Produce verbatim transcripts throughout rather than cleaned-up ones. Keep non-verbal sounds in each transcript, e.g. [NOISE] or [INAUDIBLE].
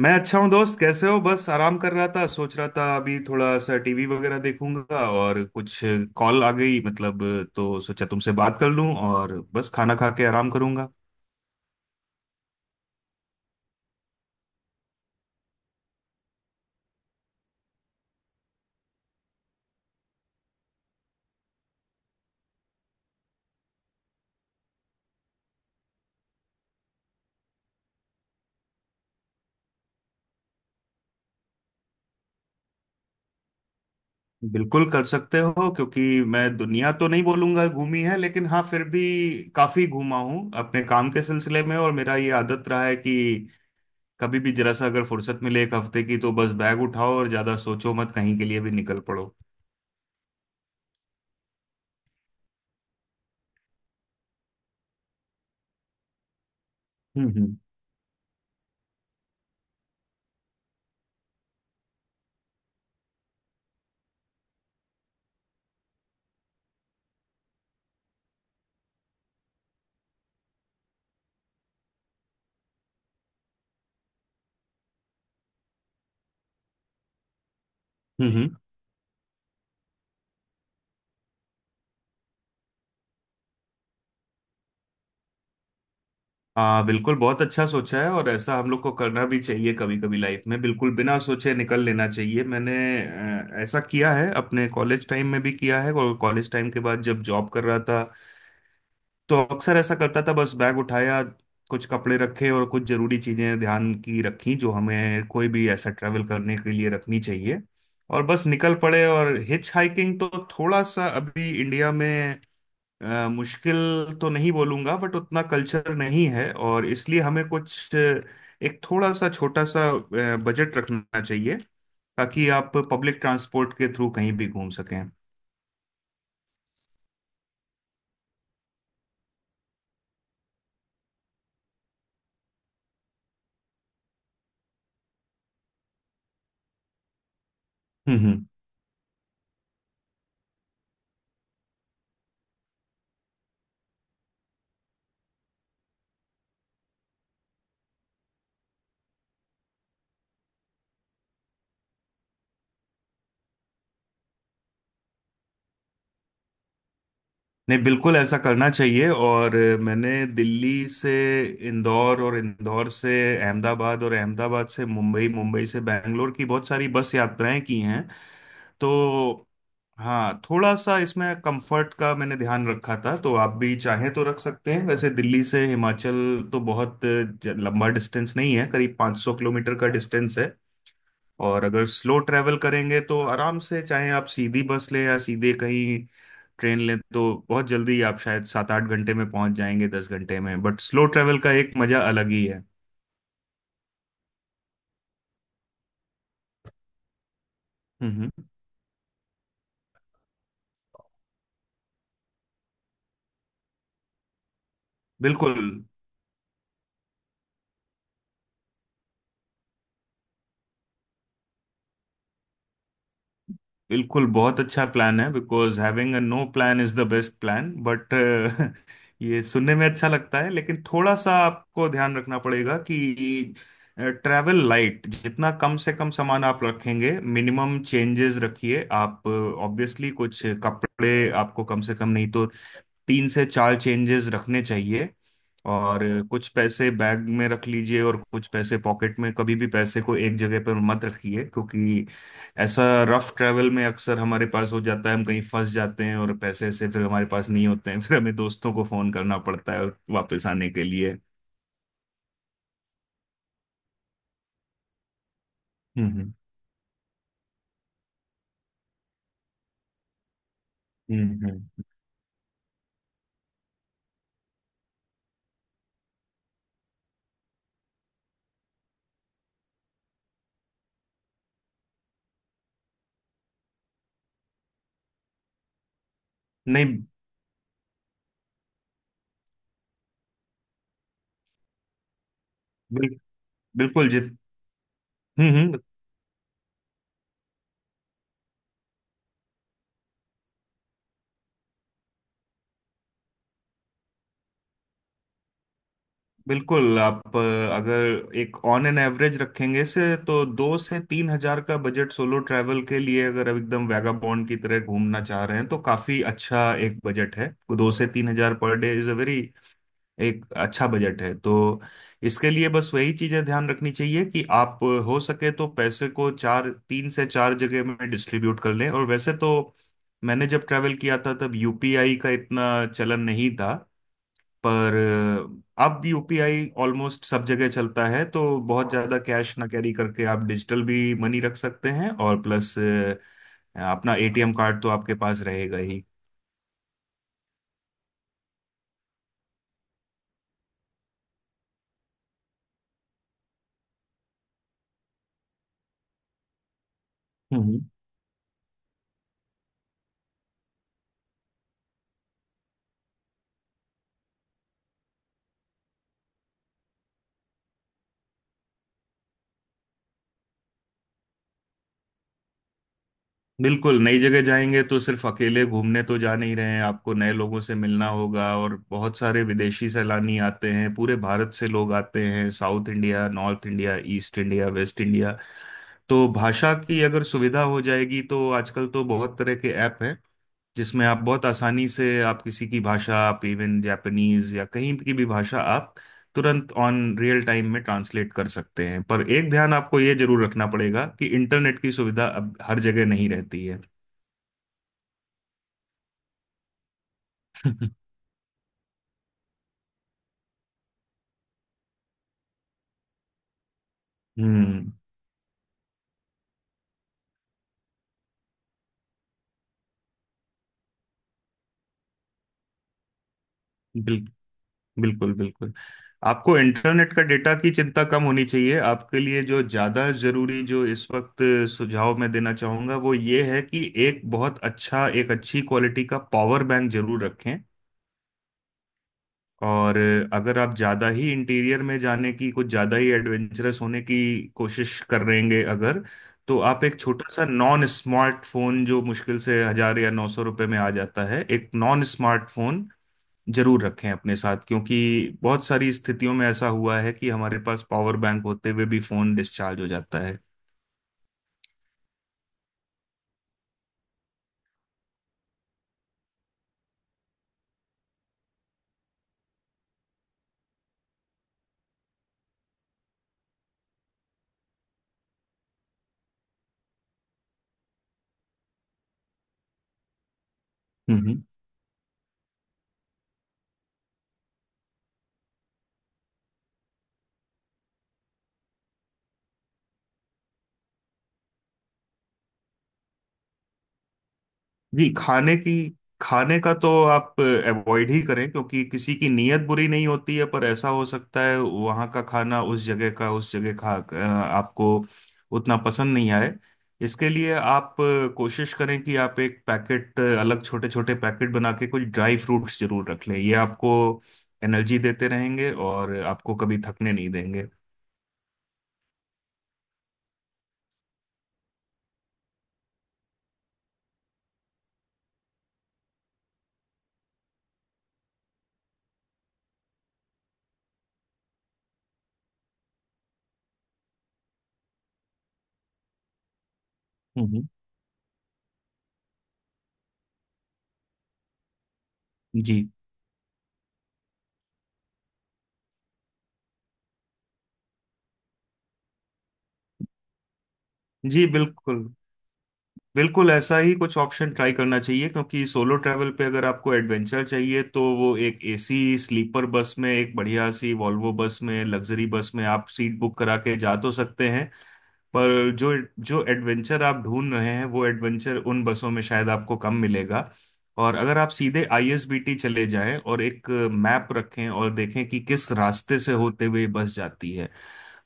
मैं अच्छा हूँ दोस्त। कैसे हो? बस आराम कर रहा था, सोच रहा था अभी थोड़ा सा टीवी वगैरह देखूंगा और कुछ कॉल आ गई, मतलब तो सोचा तुमसे बात कर लूं और बस खाना खा के आराम करूंगा। बिल्कुल कर सकते हो, क्योंकि मैं दुनिया तो नहीं बोलूंगा घूमी है, लेकिन हाँ फिर भी काफी घूमा हूँ अपने काम के सिलसिले में। और मेरा ये आदत रहा है कि कभी भी जरा सा अगर फुर्सत मिले एक हफ्ते की तो बस बैग उठाओ और ज्यादा सोचो मत, कहीं के लिए भी निकल पड़ो। हम्म हम्म हम्म। हाँ बिल्कुल, बहुत अच्छा सोचा है। और ऐसा हम लोग को करना भी चाहिए, कभी कभी लाइफ में बिल्कुल बिना सोचे निकल लेना चाहिए। मैंने अ, ऐसा किया है, अपने कॉलेज टाइम में भी किया है और कॉलेज टाइम के बाद जब जॉब कर रहा था तो अक्सर ऐसा करता था। बस बैग उठाया, कुछ कपड़े रखे और कुछ जरूरी चीजें ध्यान की रखी, जो हमें कोई भी ऐसा ट्रैवल करने के लिए रखनी चाहिए। और बस निकल पड़े। और हिच हाइकिंग तो थोड़ा सा अभी इंडिया में अ, मुश्किल तो नहीं बोलूंगा, बट उतना कल्चर नहीं है, और इसलिए हमें कुछ अ, एक थोड़ा सा छोटा सा बजट रखना चाहिए ताकि आप पब्लिक ट्रांसपोर्ट के थ्रू कहीं भी घूम सकें। हम्म हम्म। नहीं बिल्कुल, ऐसा करना चाहिए। और अ, मैंने दिल्ली से इंदौर और इंदौर से अहमदाबाद और अहमदाबाद से मुंबई, मुंबई से बैंगलोर की बहुत सारी बस यात्राएं की हैं। तो हाँ, थोड़ा सा इसमें कंफर्ट का मैंने ध्यान रखा था, तो आप भी चाहें तो रख सकते हैं। वैसे दिल्ली से हिमाचल तो बहुत ज- लंबा डिस्टेंस नहीं है, करीब 500 किलोमीटर का डिस्टेंस है। और अगर स्लो ट्रैवल करेंगे तो आराम से, चाहे आप सीधी बस लें या सीधे कहीं ट्रेन लें, तो बहुत जल्दी आप शायद सात आठ घंटे में पहुंच जाएंगे, दस घंटे में। बट स्लो ट्रैवल का एक मजा अलग ही है। हम्म हम्म। बिल्कुल बिल्कुल, बहुत अच्छा प्लान है। Because having a no plan is the best plan, but [LAUGHS] ये सुनने में अच्छा लगता है, लेकिन थोड़ा सा आपको ध्यान रखना पड़ेगा कि ट्रैवल लाइट, जितना कम से कम सामान आप रखेंगे, मिनिमम चेंजेस रखिए आप। ऑब्वियसली कुछ कपड़े आपको कम से कम, नहीं तो तीन से चार चेंजेस रखने चाहिए। और कुछ पैसे बैग में रख लीजिए और कुछ पैसे पॉकेट में। कभी भी पैसे को एक जगह पर मत रखिए, क्योंकि ऐसा रफ ट्रैवल में अक्सर हमारे पास हो जाता है, हम कहीं फंस जाते हैं और पैसे से फिर हमारे पास नहीं होते हैं [LAUGHS] फिर हमें दोस्तों को फोन करना पड़ता है, और वापस आने के लिए। हम्म हम्म हम्म हम्म। नहीं, बिल, बिल्कुल जित हम्म हम्म बिल्कुल आप अ, अगर एक ऑन एन एवरेज रखेंगे, से तो दो से तीन हजार का बजट सोलो ट्रैवल के लिए, अगर आप एकदम वैगाबॉन्ड की तरह घूमना चाह रहे हैं, तो काफी अच्छा एक बजट है। दो से तीन हजार per day is a very, एक अच्छा बजट है। तो इसके लिए बस वही चीजें ध्यान रखनी चाहिए कि आप अ, हो सके तो पैसे को चार तीन से चार जगह में डिस्ट्रीब्यूट कर लें। और वैसे तो मैंने जब ट्रैवल किया था तब यूपीआई का इतना चलन नहीं था, पर अ, अब यूपीआई ऑलमोस्ट सब जगह चलता है। तो बहुत ज्यादा कैश ना कैरी करके आप डिजिटल भी मनी रख सकते हैं, और प्लस अ, अपना एटीएम कार्ड तो आपके पास रहेगा ही। हम्म बिल्कुल, नई जगह जाएंगे तो सिर्फ अकेले घूमने तो जा नहीं रहे हैं, आपको नए लोगों से मिलना होगा, और बहुत सारे विदेशी सैलानी आते हैं, पूरे भारत से लोग आते हैं, south India, north India, east India, west India. तो भाषा की अगर सुविधा हो जाएगी तो आजकल तो बहुत तरह के ऐप हैं, जिसमें आप बहुत आसानी से आप किसी की भाषा, आप इवन जापानीज या कहीं की भी भाषा आप तुरंत ऑन रियल टाइम में ट्रांसलेट कर सकते हैं। पर एक ध्यान आपको ये जरूर रखना पड़ेगा कि इंटरनेट की सुविधा अब हर जगह नहीं रहती है। [LAUGHS] हम्म बिल, बिल्कुल बिल्कुल, आपको इंटरनेट का, डेटा की चिंता कम होनी चाहिए। आपके लिए जो ज्यादा जरूरी, जो इस वक्त सुझाव मैं देना चाहूंगा वो ये है कि एक बहुत अच्छा, एक अच्छी क्वालिटी का पावर बैंक जरूर रखें। और अगर आप ज़्यादा ही इंटीरियर में जाने की, कुछ ज़्यादा ही एडवेंचरस होने की कोशिश कर रहेंगे अगर, तो आप एक छोटा सा नॉन स्मार्टफोन जो मुश्किल से हज़ार या नौ सौ रुपये में आ जाता है, एक नॉन स्मार्टफोन जरूर रखें अपने साथ। क्योंकि बहुत सारी स्थितियों में ऐसा हुआ है कि हमारे पास पावर बैंक होते हुए भी फ़ोन डिस्चार्ज हो जाता है। जी, खाने की खाने का तो आप अवॉइड ही करें, क्योंकि किसी की नीयत बुरी नहीं होती है, पर ऐसा हो सकता है वहाँ का खाना, उस जगह का, उस जगह खा अ, आपको उतना पसंद नहीं आए। इसके लिए आप अ, कोशिश करें कि आप एक पैकेट अ, अलग छोटे छोटे पैकेट बना के कुछ ड्राई फ्रूट्स जरूर रख लें। ये आपको एनर्जी देते रहेंगे और आपको कभी थकने नहीं देंगे। हम्म, जी। जी बिल्कुल, बिल्कुल ऐसा ही कुछ ऑप्शन ट्राई करना चाहिए, क्योंकि सोलो ट्रैवल पे अगर आपको एडवेंचर चाहिए तो वो एक एसी स्लीपर बस में, एक बढ़िया सी वॉल्वो बस में, लग्जरी बस में आप सीट बुक करा के जा तो सकते हैं। पर जो जो एडवेंचर आप ढूंढ रहे हैं वो एडवेंचर उन बसों में शायद आपको कम मिलेगा। और अगर आप सीधे आईएसबीटी चले जाएं और एक मैप रखें और देखें कि किस रास्ते से होते हुए बस जाती है।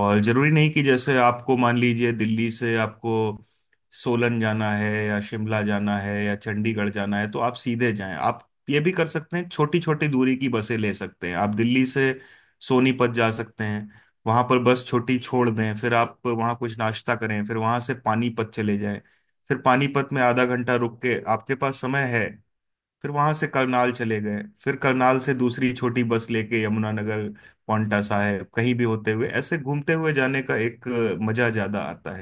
और जरूरी नहीं कि जैसे आपको मान लीजिए दिल्ली से आपको सोलन जाना है, या शिमला जाना है, या चंडीगढ़ जाना है तो आप सीधे जाएं। आप ये भी कर सकते हैं, छोटी छोटी दूरी की बसें ले सकते हैं। आप दिल्ली से सोनीपत जा सकते हैं, वहां पर बस छोटी छोड़ दें, फिर आप वहां कुछ नाश्ता करें, फिर वहां से पानीपत चले जाएं। फिर पानीपत में आधा घंटा रुक के, आपके पास समय है, फिर वहां से करनाल चले गए, फिर करनाल से दूसरी छोटी बस लेके यमुनानगर, पांवटा साहिब, कहीं भी होते हुए, ऐसे घूमते हुए जाने का एक अ, मजा ज्यादा आता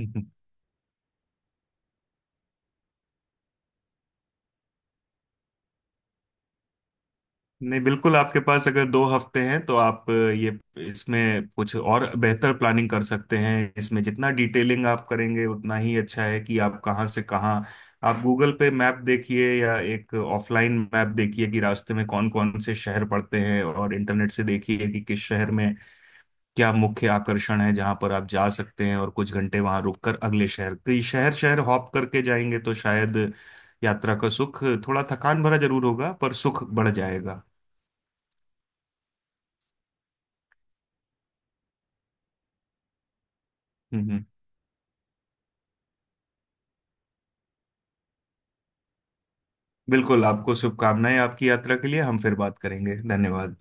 है। [LAUGHS] नहीं बिल्कुल, आपके पास अगर दो हफ्ते हैं तो आप अ, ये इसमें कुछ और बेहतर प्लानिंग कर सकते हैं। इसमें जितना डिटेलिंग आप करेंगे उतना ही अच्छा है, कि आप कहाँ से कहाँ। आप गूगल पे मैप देखिए या एक ऑफलाइन मैप देखिए कि रास्ते में कौन कौन से शहर पड़ते हैं, और इंटरनेट से देखिए कि किस शहर में क्या मुख्य आकर्षण है जहाँ पर आप जा सकते हैं। और कुछ घंटे वहाँ रुककर अगले शहर, कई शहर शहर हॉप करके जाएंगे तो शायद यात्रा का सुख थोड़ा थकान भरा जरूर होगा, पर सुख बढ़ जाएगा। हम्म हम्म। बिल्कुल, आपको शुभकामनाएं आपकी यात्रा के लिए। हम फिर बात करेंगे। धन्यवाद।